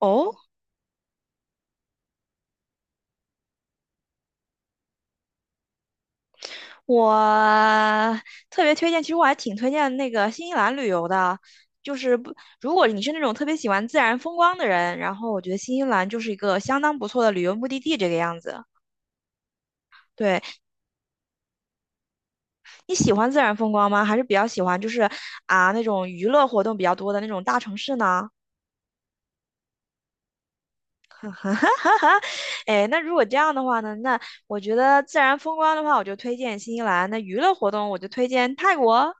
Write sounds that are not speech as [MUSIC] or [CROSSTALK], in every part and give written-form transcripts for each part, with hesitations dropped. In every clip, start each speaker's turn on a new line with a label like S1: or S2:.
S1: 哦，我特别推荐，其实我还挺推荐那个新西兰旅游的，就是不，如果你是那种特别喜欢自然风光的人，然后我觉得新西兰就是一个相当不错的旅游目的地，这个样子。对，你喜欢自然风光吗？还是比较喜欢就是那种娱乐活动比较多的那种大城市呢？[LAUGHS] 哎，那如果这样的话呢，那我觉得自然风光的话，我就推荐新西兰；那娱乐活动我就推荐泰国。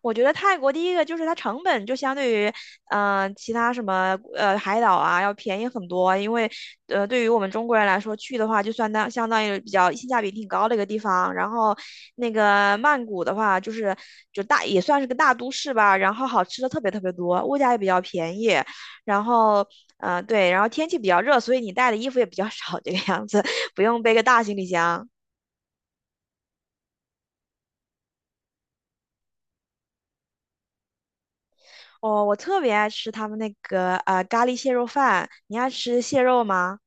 S1: 我觉得泰国第一个就是它成本就相对于，其他什么海岛啊要便宜很多，因为对于我们中国人来说去的话，就算相当于比较性价比挺高的一个地方。然后那个曼谷的话，就大也算是个大都市吧，然后好吃的特别特别多，物价也比较便宜，然后。对，然后天气比较热，所以你带的衣服也比较少，这个样子，[LAUGHS] 不用背个大行李箱。哦，我特别爱吃他们那个咖喱蟹肉饭。你爱吃蟹肉吗？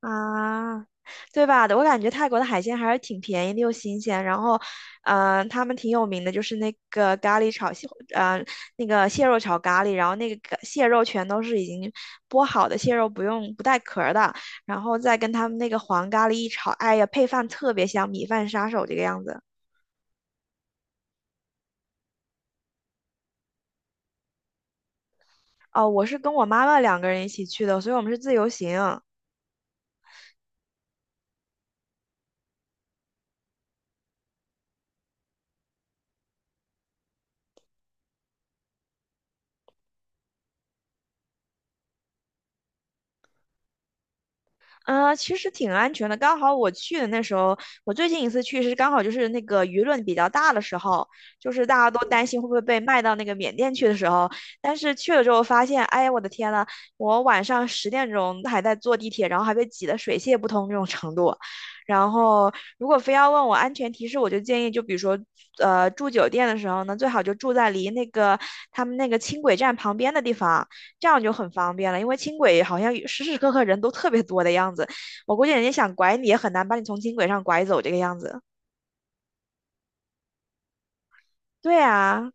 S1: 啊，对吧？我感觉泰国的海鲜还是挺便宜的又新鲜。然后，他们挺有名的就是那个咖喱炒蟹，呃，那个蟹肉炒咖喱。然后那个咖蟹肉全都是已经剥好的蟹肉，不带壳儿的。然后再跟他们那个黄咖喱一炒，哎呀，配饭特别香，米饭杀手这个样子。哦，我是跟我妈妈2个人一起去的，所以我们是自由行。啊，其实挺安全的。刚好我去的那时候，我最近一次去是刚好就是那个舆论比较大的时候，就是大家都担心会不会被卖到那个缅甸去的时候。但是去了之后发现，哎呀，我的天呐，我晚上10点钟还在坐地铁，然后还被挤得水泄不通这种程度。然后，如果非要问我安全提示，我就建议，就比如说，住酒店的时候呢，最好就住在离那个他们那个轻轨站旁边的地方。这样就很方便了，因为轻轨好像时时刻刻人都特别多的样子，我估计人家想拐你也很难把你从轻轨上拐走这个样子。对啊，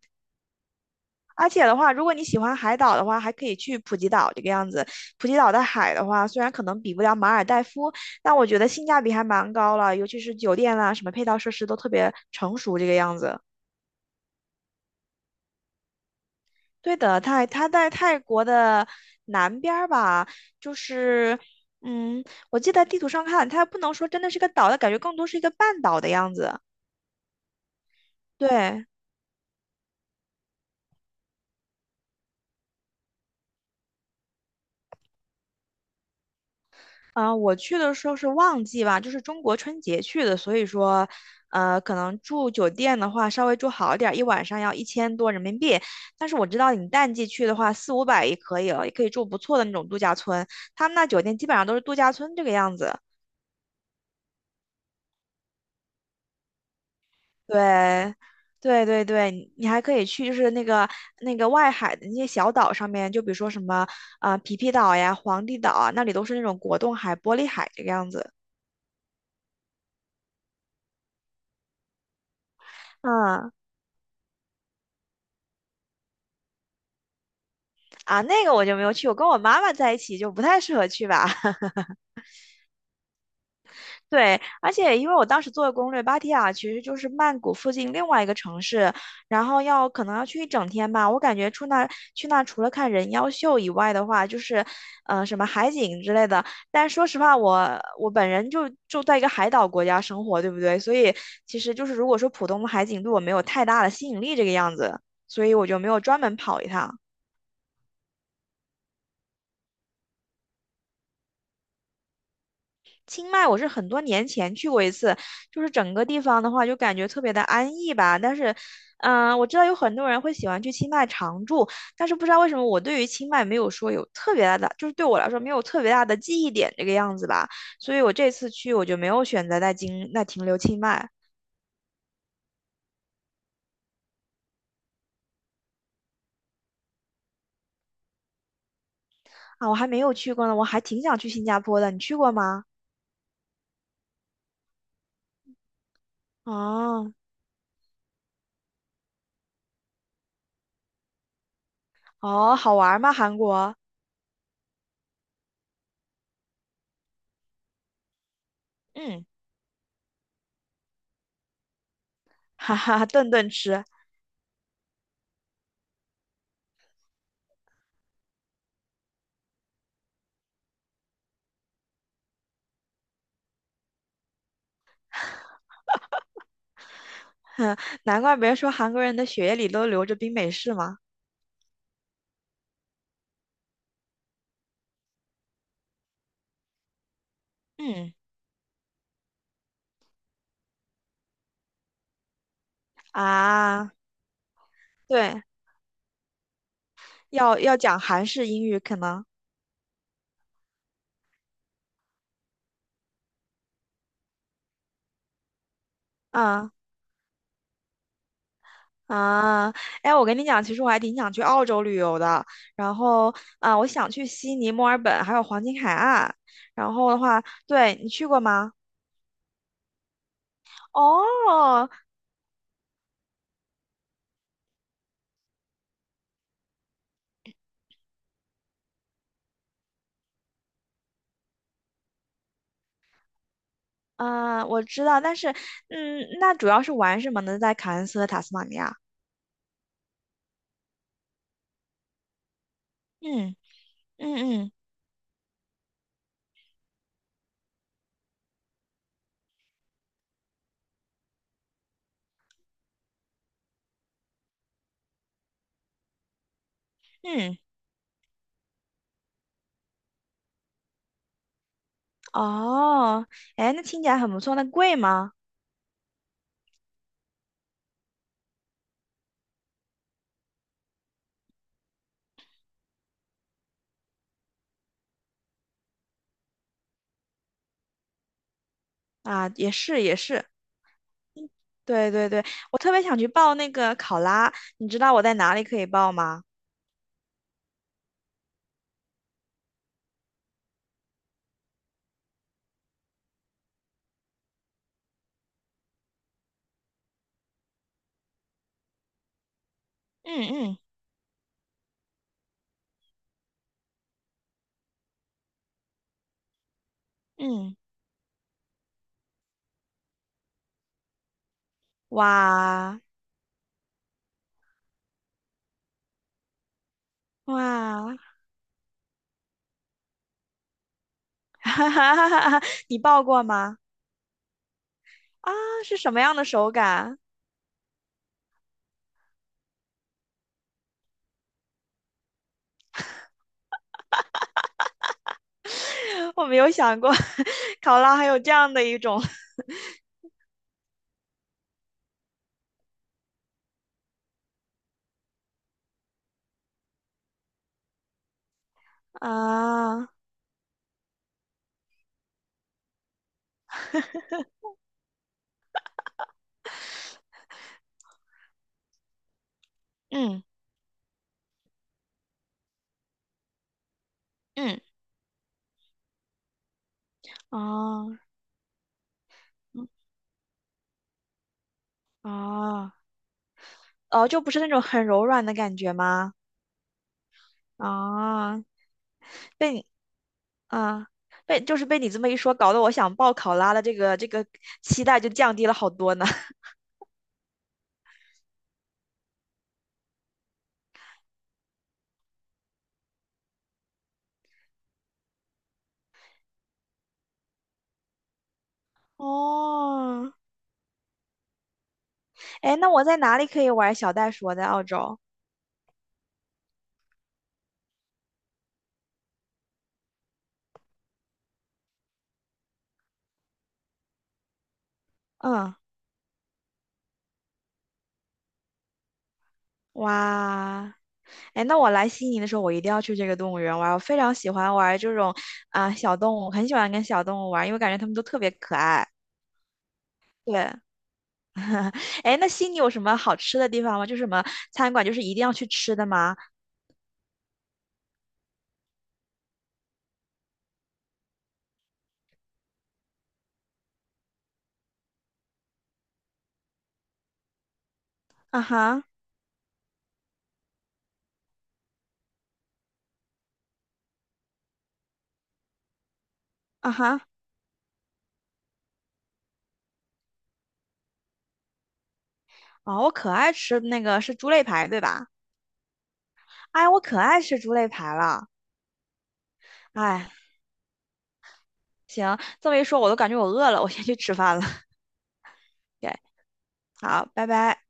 S1: 而且的话，如果你喜欢海岛的话，还可以去普吉岛这个样子。普吉岛的海的话，虽然可能比不了马尔代夫，但我觉得性价比还蛮高了，尤其是酒店啦、什么配套设施都特别成熟这个样子。对的，它在泰国的南边儿吧，就是，嗯，我记得地图上看，它不能说真的是个岛，它感觉更多是一个半岛的样子。对，啊、我去的时候是旺季吧，就是中国春节去的，所以说，可能住酒店的话稍微住好一点儿，一晚上要1000多人民币。但是我知道你淡季去的话，四五百也可以了，也可以住不错的那种度假村。他们那酒店基本上都是度假村这个样子。对，对对对，你还可以去，就是那个外海的那些小岛上面，就比如说什么啊、皮皮岛呀、皇帝岛啊，那里都是那种果冻海、玻璃海这个样子。嗯啊，那个我就没有去，我跟我妈妈在一起就不太适合去吧。对，而且因为我当时做的攻略，芭提雅其实就是曼谷附近另外一个城市，然后可能要去一整天吧。我感觉去那除了看人妖秀以外的话，就是，什么海景之类的。但说实话，我本人就在一个海岛国家生活，对不对？所以其实就是如果说普通的海景对我没有太大的吸引力这个样子，所以我就没有专门跑一趟。清迈我是很多年前去过一次，就是整个地方的话就感觉特别的安逸吧。但是，我知道有很多人会喜欢去清迈常住，但是不知道为什么我对于清迈没有说有特别大的，就是对我来说没有特别大的记忆点这个样子吧。所以我这次去我就没有选择在停留清迈。啊，我还没有去过呢，我还挺想去新加坡的，你去过吗？哦，哦，好玩吗？韩国？嗯，哈哈，顿顿吃，[LAUGHS] 哼，难怪别人说韩国人的血液里都流着冰美式嘛。嗯啊，对，要讲韩式英语可能，啊，啊，哎，我跟你讲，其实我还挺想去澳洲旅游的，然后啊，我想去悉尼、墨尔本还有黄金海岸，然后的话，对你去过吗？哦，嗯，我知道，但是嗯，那主要是玩什么呢？在凯恩斯和塔斯马尼亚，嗯嗯嗯嗯，哦，哎，那听起来很不错，那贵吗？啊，也是也是，对对对，我特别想去报那个考拉，你知道我在哪里可以报吗？嗯嗯嗯，哇哇，[LAUGHS] 哈哈哈哈哈！你报过吗？啊，是什么样的手感？[LAUGHS] 我没有想过，[LAUGHS] 考拉还有这样的一种 [LAUGHS] 啊，嗯嗯，哦哦哦，就不是那种很柔软的感觉吗？啊，被。啊，被就是被你这么一说，搞得我想报考拉的这个期待就降低了好多呢。[LAUGHS] 哦，哎，那我在哪里可以玩小袋鼠啊？在澳洲。嗯，哇，哎，那我来悉尼的时候，我一定要去这个动物园玩儿，我非常喜欢玩儿这种小动物，很喜欢跟小动物玩儿因为感觉它们都特别可爱。对，[LAUGHS] 哎那悉尼有什么好吃的地方吗？就是什么餐馆，就是一定要去吃的吗？啊哈，啊哈，哦，我可爱吃那个是猪肋排，对吧？哎，我可爱吃猪肋排了。哎，行，这么一说，我都感觉我饿了，我先去吃饭了。[LAUGHS] 对，好，拜拜。